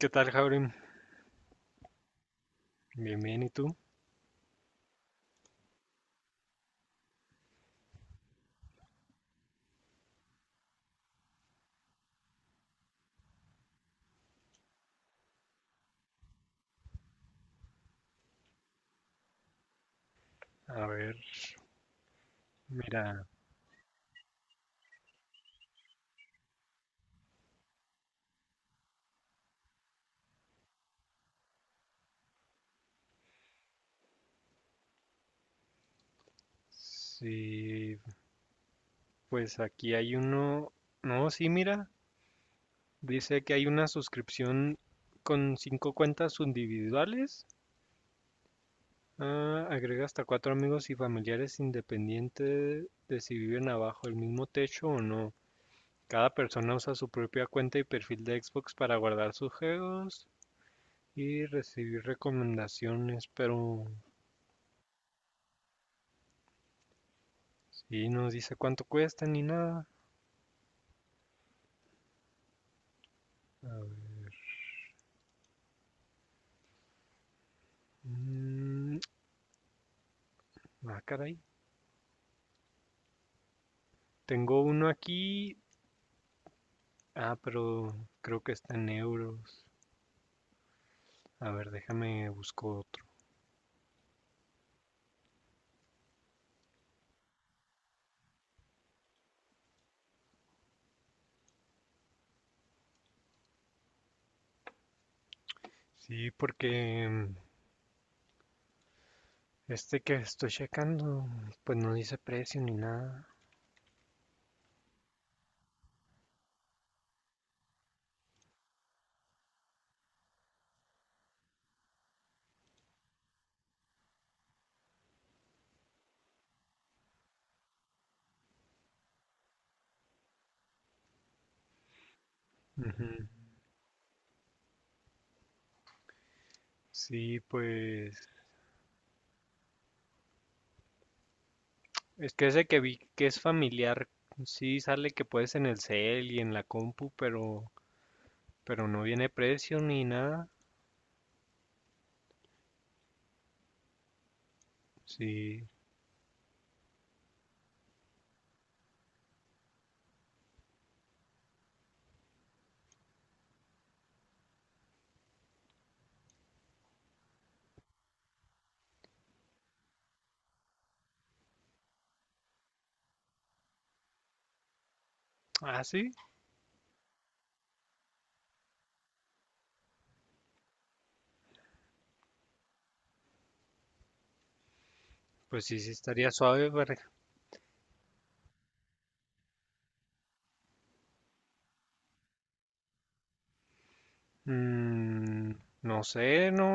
¿Qué tal, Jaurim? Bien, bien, ¿y tú? A ver, mira, sí, pues aquí hay uno. No, sí, mira, dice que hay una suscripción con 5 cuentas individuales. Ah, agrega hasta 4 amigos y familiares independiente de si viven abajo el mismo techo o no. Cada persona usa su propia cuenta y perfil de Xbox para guardar sus juegos y recibir recomendaciones, pero sí, no dice cuánto cuesta ni nada. A, mm, ah, caray. Tengo uno aquí. Ah, pero creo que está en euros. A ver, déjame busco otro. Sí, porque este que estoy checando, pues no dice precio ni nada. Ujú. Sí, pues es que ese que vi que es familiar, sí sale que puedes en el cel y en la compu, pero no viene precio ni nada. Sí. Ah, sí. Pues sí, sí estaría suave para... Mm, no sé, no.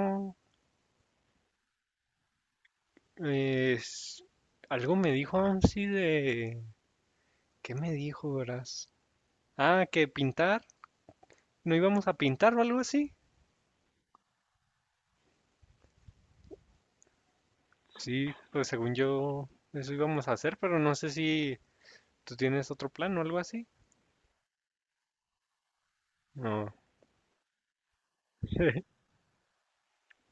Es- algo me dijo Amsi de... ¿Qué me dijo, verás? Ah, que pintar. ¿No íbamos a pintar o algo así? Sí, pues según yo, eso íbamos a hacer, pero no sé si tú tienes otro plan o algo así. No.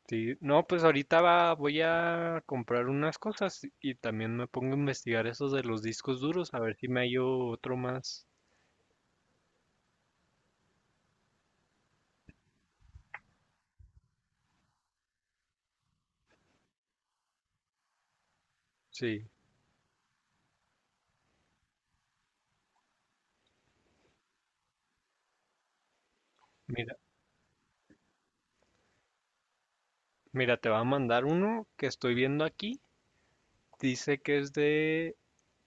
Sí, no, pues ahorita va- voy a comprar unas cosas y también me pongo a investigar esos de los discos duros, a ver si me hallo otro más. Sí, mira. Mira, te va a mandar uno que estoy viendo aquí. Dice que es de,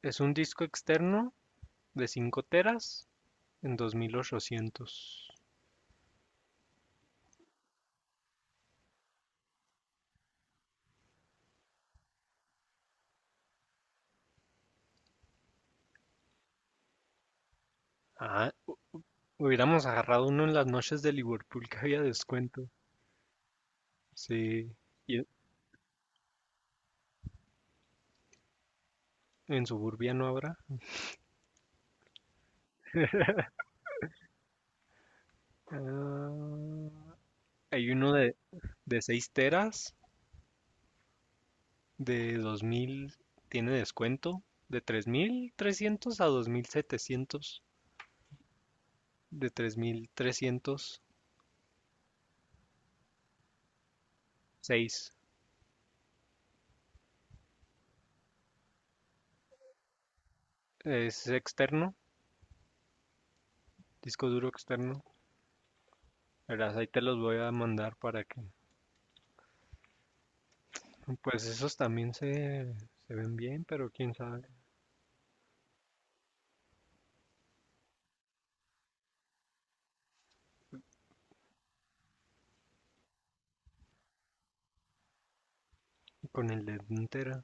es un disco externo de 5 teras en 2800. Ah, hubiéramos agarrado uno en las noches de Liverpool que había descuento. Sí, y en Suburbia no habrá. Ah, hay uno de 6 teras de 2000, tiene descuento de 3300 a 2700. De tres mil trescientos. Seis. Es externo, disco duro externo. Verás, ahí te los voy a mandar para que... Pues esos también se ven bien, pero quién sabe. Con el de entera.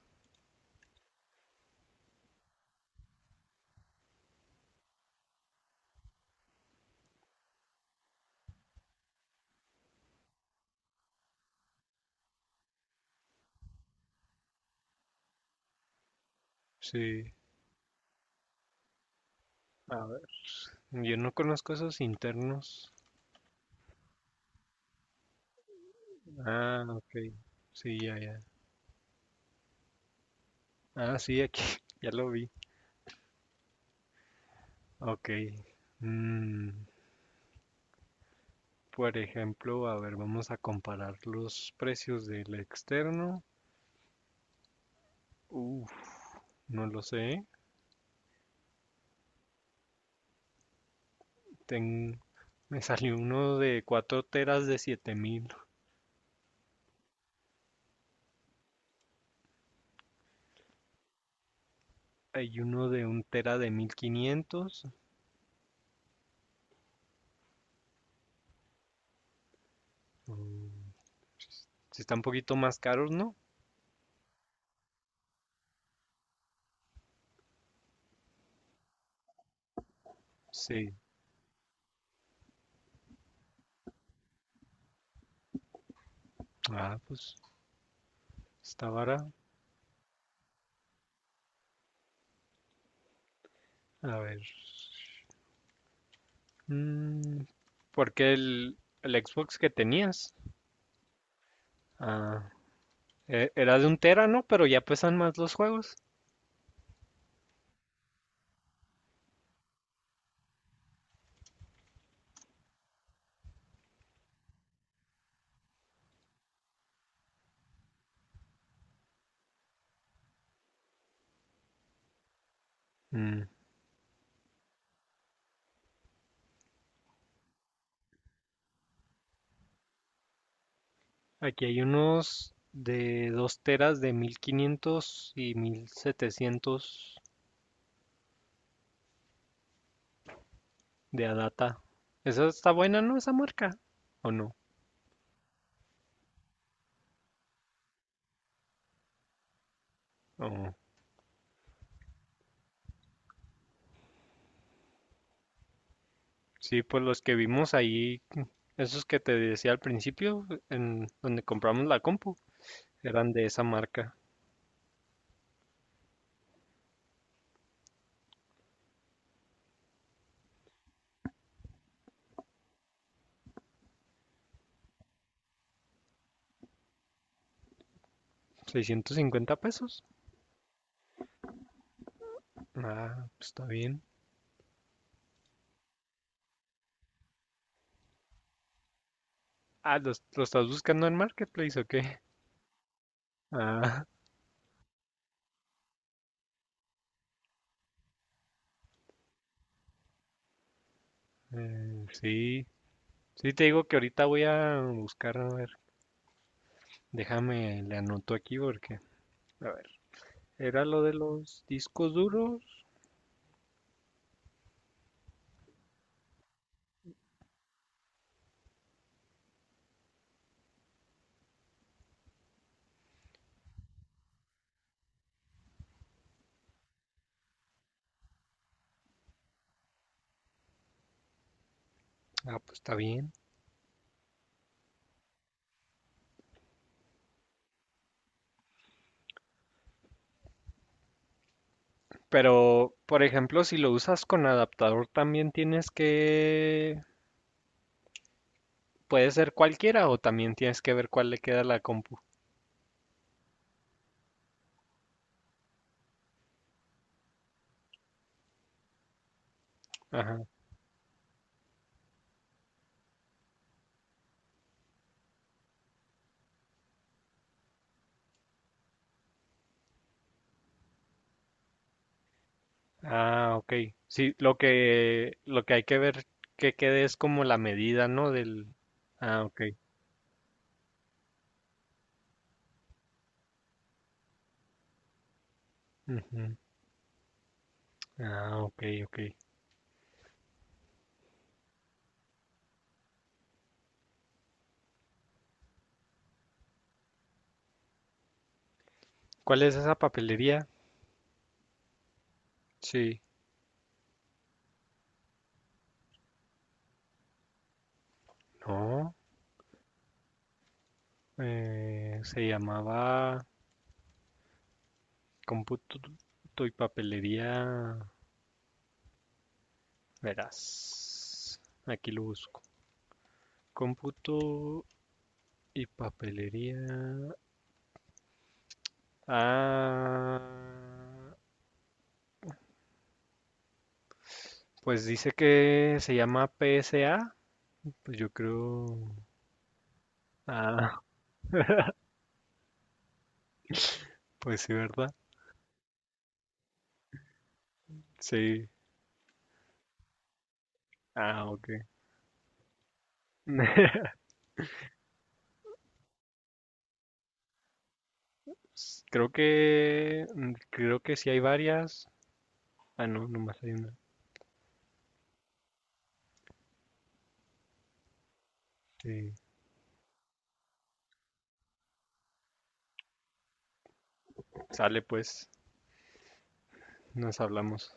Sí, a ver. Yo no conozco esos internos. Ah, ok. Sí, ya, ya. Ah, sí, aquí. Ya lo vi. Ok. Mm, por ejemplo, a ver, vamos a comparar los precios del externo. Uf, no lo sé. Ten- me salió uno de 4 teras de 7000. Hay uno de 1 tera de 1500. Mm, sí. Está un poquito más caros, ¿no? Sí. Ah, pues está barato. A ver. Mm, porque el Xbox que tenías, ah, e- era de un tera, ¿no? Pero ya pesan más los juegos. Mm. Aquí hay unos de 2 teras de 1500 y 1700. De Adata. Esa está buena, ¿no? Esa marca. ¿O no? Oh, sí, pues los que vimos ahí, esos que te decía al principio, en donde compramos la compu, eran de esa marca. 650 pesos. Ah, pues está bien. Ah, ¿los- ¿lo, estás buscando en Marketplace o qué? Ah, sí. Sí, te digo que ahorita voy a buscar, a ver, déjame, le anoto aquí porque, a ver, era lo de los discos duros. Ah, pues está bien. Pero, por ejemplo, si lo usas con adaptador, también tienes que... Puede ser cualquiera o también tienes que ver cuál le queda a la compu. Ajá. Ah, ok. Sí, lo que hay que ver que quede es como la medida, ¿no? Del... Ah, ok. Ujú. Ah, ok, ok. ¿Cuál es esa papelería? Sí. No. Eh, se llamaba Cómputo y Papelería. Verás. Aquí lo busco. Cómputo y papelería. Ah, pues dice que se llama PSA. Pues yo creo. Ah, pues sí, ¿verdad? Sí. Ah, ok. Creo que... mm, creo que sí hay varias. Ah, no, nomás hay una. Sí. Sale pues, nos hablamos.